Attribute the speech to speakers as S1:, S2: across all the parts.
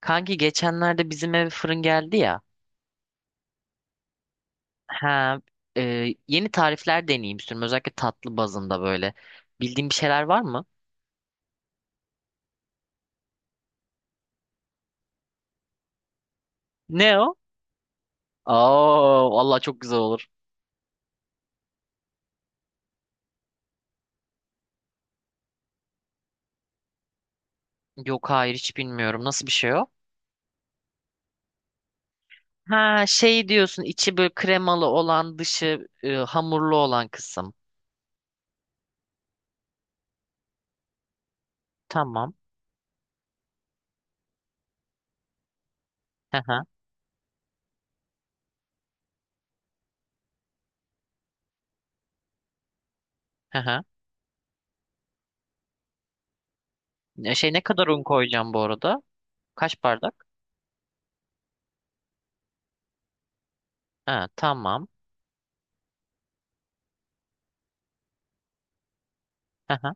S1: Kanki geçenlerde bizim eve fırın geldi ya. Ha, yeni tarifler deneyeyim istiyorum. Özellikle tatlı bazında böyle. Bildiğin bir şeyler var mı? Ne o? Aa, vallahi çok güzel olur. Yok, hayır, hiç bilmiyorum. Nasıl bir şey o? Ha, şey diyorsun, içi böyle kremalı olan, dışı hamurlu olan kısım. Tamam. Hı hı. Hı hı. Şey, ne kadar un koyacağım bu arada? Kaç bardak? Ha, tamam. Hı hı.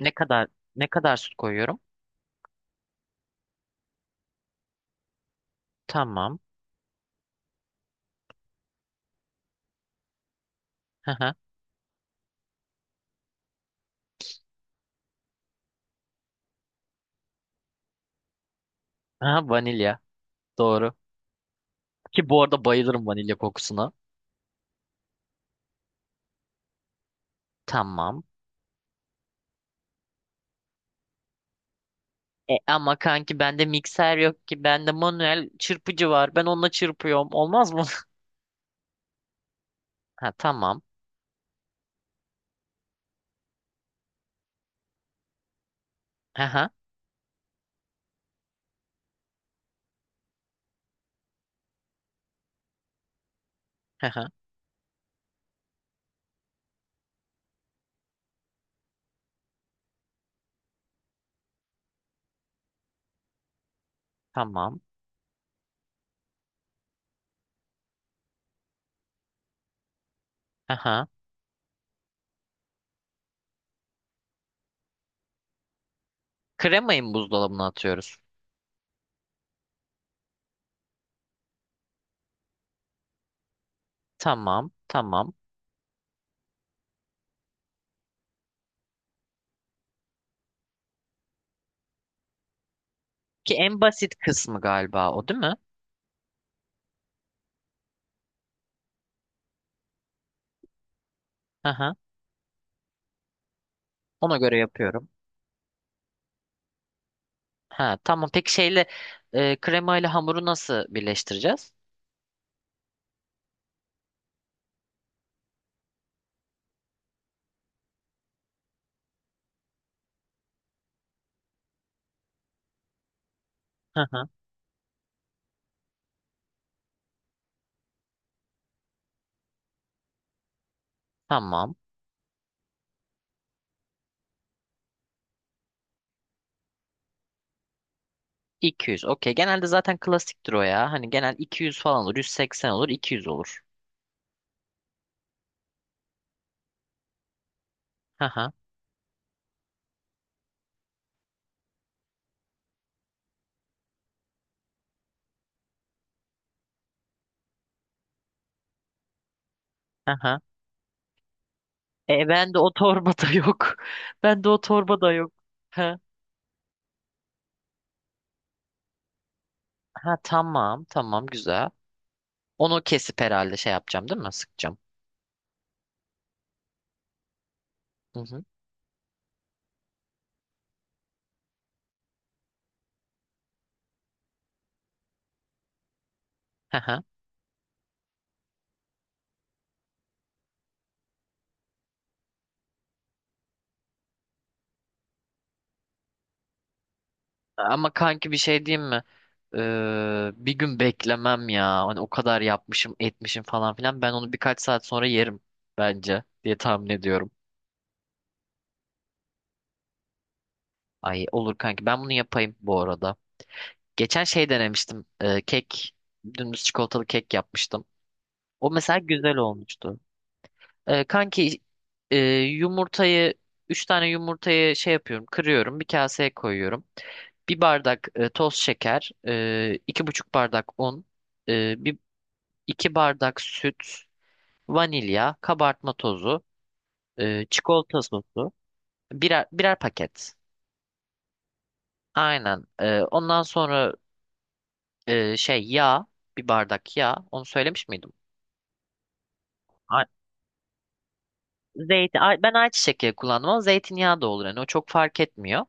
S1: Ne kadar ne kadar süt koyuyorum? Tamam. Hı hı. Ha, vanilya. Doğru. Ki bu arada bayılırım vanilya kokusuna. Tamam. Ama kanki bende mikser yok ki. Bende manuel çırpıcı var. Ben onunla çırpıyorum. Olmaz mı? Ha, tamam. Aha. Aha. Tamam. Aha. Kremayı mı buzdolabına atıyoruz? Tamam. Tamam. Ki en basit kısmı galiba o, değil mi? Aha. Ona göre yapıyorum. Ha, tamam. Peki, kremayla hamuru nasıl birleştireceğiz? Aha. Tamam. 200. Okey. Genelde zaten klasiktir o ya. Hani genel 200 falan olur. 180 olur. 200 olur. Aha, aha. Ben de o torbada yok. Ben de o torbada yok. Ha, ha, tamam, tamam, güzel. Onu kesip herhalde şey yapacağım, değil mi? Sıkacağım. Hı hı. Aha. Ama kanki bir şey diyeyim mi? Bir gün beklemem ya. Hani o kadar yapmışım, etmişim falan filan. Ben onu birkaç saat sonra yerim bence diye tahmin ediyorum. Ay, olur kanki. Ben bunu yapayım bu arada. Geçen şey denemiştim. Dümdüz çikolatalı kek yapmıştım. O mesela güzel olmuştu. Kanki, e, yumurtayı 3 tane yumurtayı şey yapıyorum, kırıyorum, bir kaseye koyuyorum. Bir bardak toz şeker, 2,5 bardak un, e, bir, 2 bardak süt, vanilya, kabartma tozu, çikolata sosu, birer paket. Aynen. Ondan sonra e, şey yağ, bir bardak yağ. Onu söylemiş miydim? A- Zeytin. Ben ayçiçek yağı kullandım ama zeytinyağı da olur. Yani o çok fark etmiyor.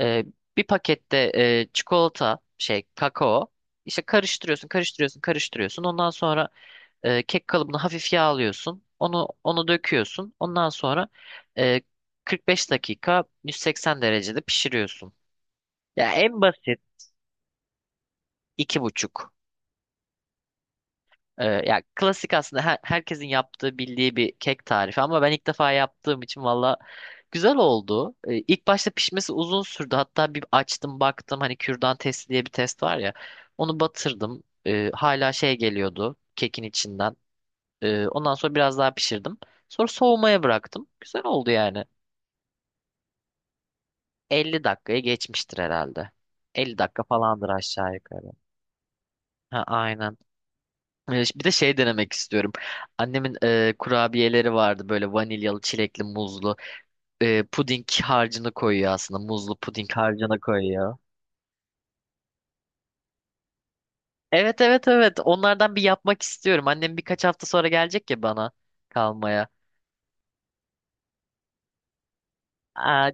S1: Ee, bir pakette çikolata şey kakao, işte karıştırıyorsun karıştırıyorsun karıştırıyorsun, ondan sonra kek kalıbını hafif yağlıyorsun, onu döküyorsun, ondan sonra e, 45 dakika 180 derecede pişiriyorsun. Ya, en basit. 2,5. Ya klasik aslında herkesin yaptığı bildiği bir kek tarifi ama ben ilk defa yaptığım için valla güzel oldu. İlk başta pişmesi uzun sürdü. Hatta bir açtım baktım, hani kürdan testi diye bir test var ya. Onu batırdım. Hala şey geliyordu kekin içinden. Ondan sonra biraz daha pişirdim. Sonra soğumaya bıraktım. Güzel oldu yani. 50 dakikaya geçmiştir herhalde. 50 dakika falandır aşağı yukarı. Ha, aynen. Bir de şey denemek istiyorum. Annemin kurabiyeleri vardı böyle: vanilyalı, çilekli, muzlu. Puding harcını koyuyor aslında. Muzlu puding harcını koyuyor. Evet, evet, evet. Onlardan bir yapmak istiyorum. Annem birkaç hafta sonra gelecek ya bana kalmaya. Aa,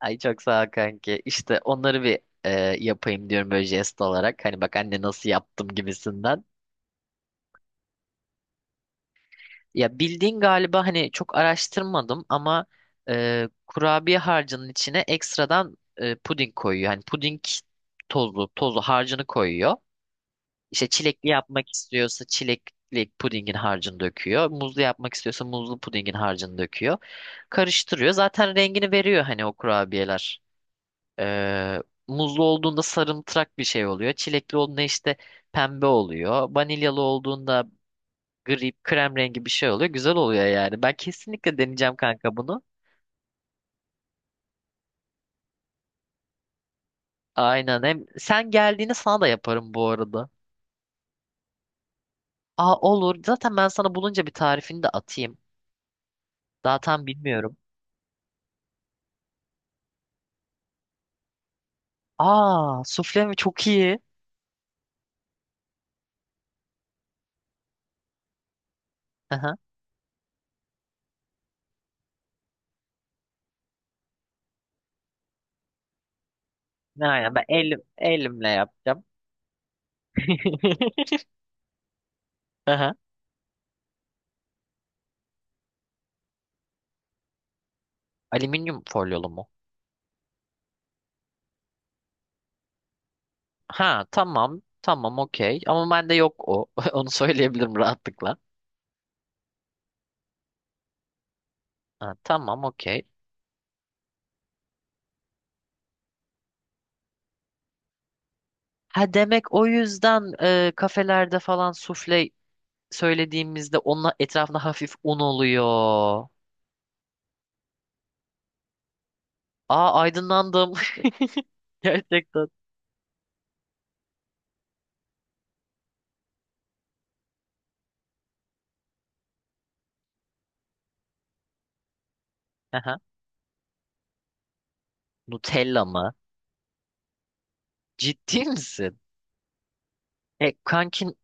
S1: ay çok sağ ol kanki. İşte onları bir yapayım diyorum, böyle jest olarak. Hani bak anne nasıl yaptım gibisinden. Ya, bildiğin galiba, hani çok araştırmadım ama kurabiye harcının içine ekstradan puding koyuyor. Hani puding tozlu tozlu harcını koyuyor. İşte çilekli yapmak istiyorsa çilekli pudingin harcını döküyor. Muzlu yapmak istiyorsa muzlu pudingin harcını döküyor. Karıştırıyor. Zaten rengini veriyor hani o kurabiyeler. E, muzlu olduğunda sarımtırak bir şey oluyor. Çilekli olduğunda işte pembe oluyor. Vanilyalı olduğunda gri krem rengi bir şey oluyor. Güzel oluyor yani. Ben kesinlikle deneyeceğim kanka bunu. Aynen. Hem sen geldiğini sana da yaparım bu arada. Aa, olur. Zaten ben sana bulunca bir tarifini de atayım. Daha tam bilmiyorum. Aa, sufle mi? Çok iyi. Aha. Aynen, ben elimle yapacağım. Aha. Alüminyum folyolu mu? Ha, tamam. Tamam, okey. Ama bende yok o. Onu söyleyebilirim rahatlıkla. Ha, tamam, okey. Ha, demek o yüzden kafelerde falan sufle söylediğimizde onun etrafında hafif un oluyor. Aa, aydınlandım. Gerçekten. Aha. Nutella mı? Ciddi misin? Kankin,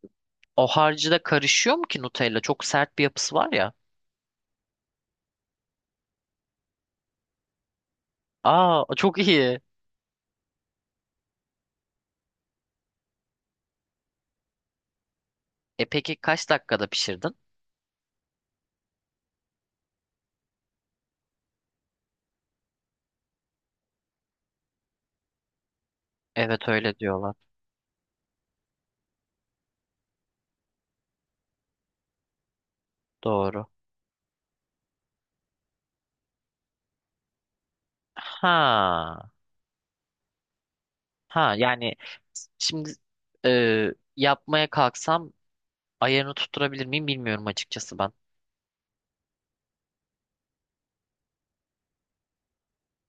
S1: o harcı da karışıyor mu ki Nutella? Çok sert bir yapısı var ya. Aa, çok iyi. Peki kaç dakikada pişirdin? Evet, öyle diyorlar. Doğru. Ha. Ha, yani şimdi e, yapmaya kalksam ayarını tutturabilir miyim bilmiyorum açıkçası ben.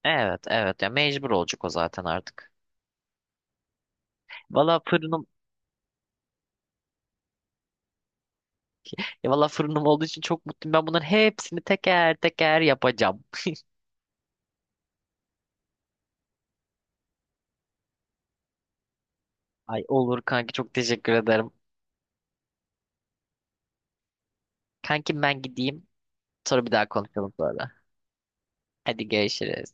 S1: Evet, evet, ya mecbur olacak o zaten artık. Valla fırınım, ya valla fırınım olduğu için çok mutluyum. Ben bunların hepsini teker teker yapacağım. Ay, olur kanki, çok teşekkür ederim. Kankim, ben gideyim. Sonra bir daha konuşalım sonra. Hadi, görüşürüz.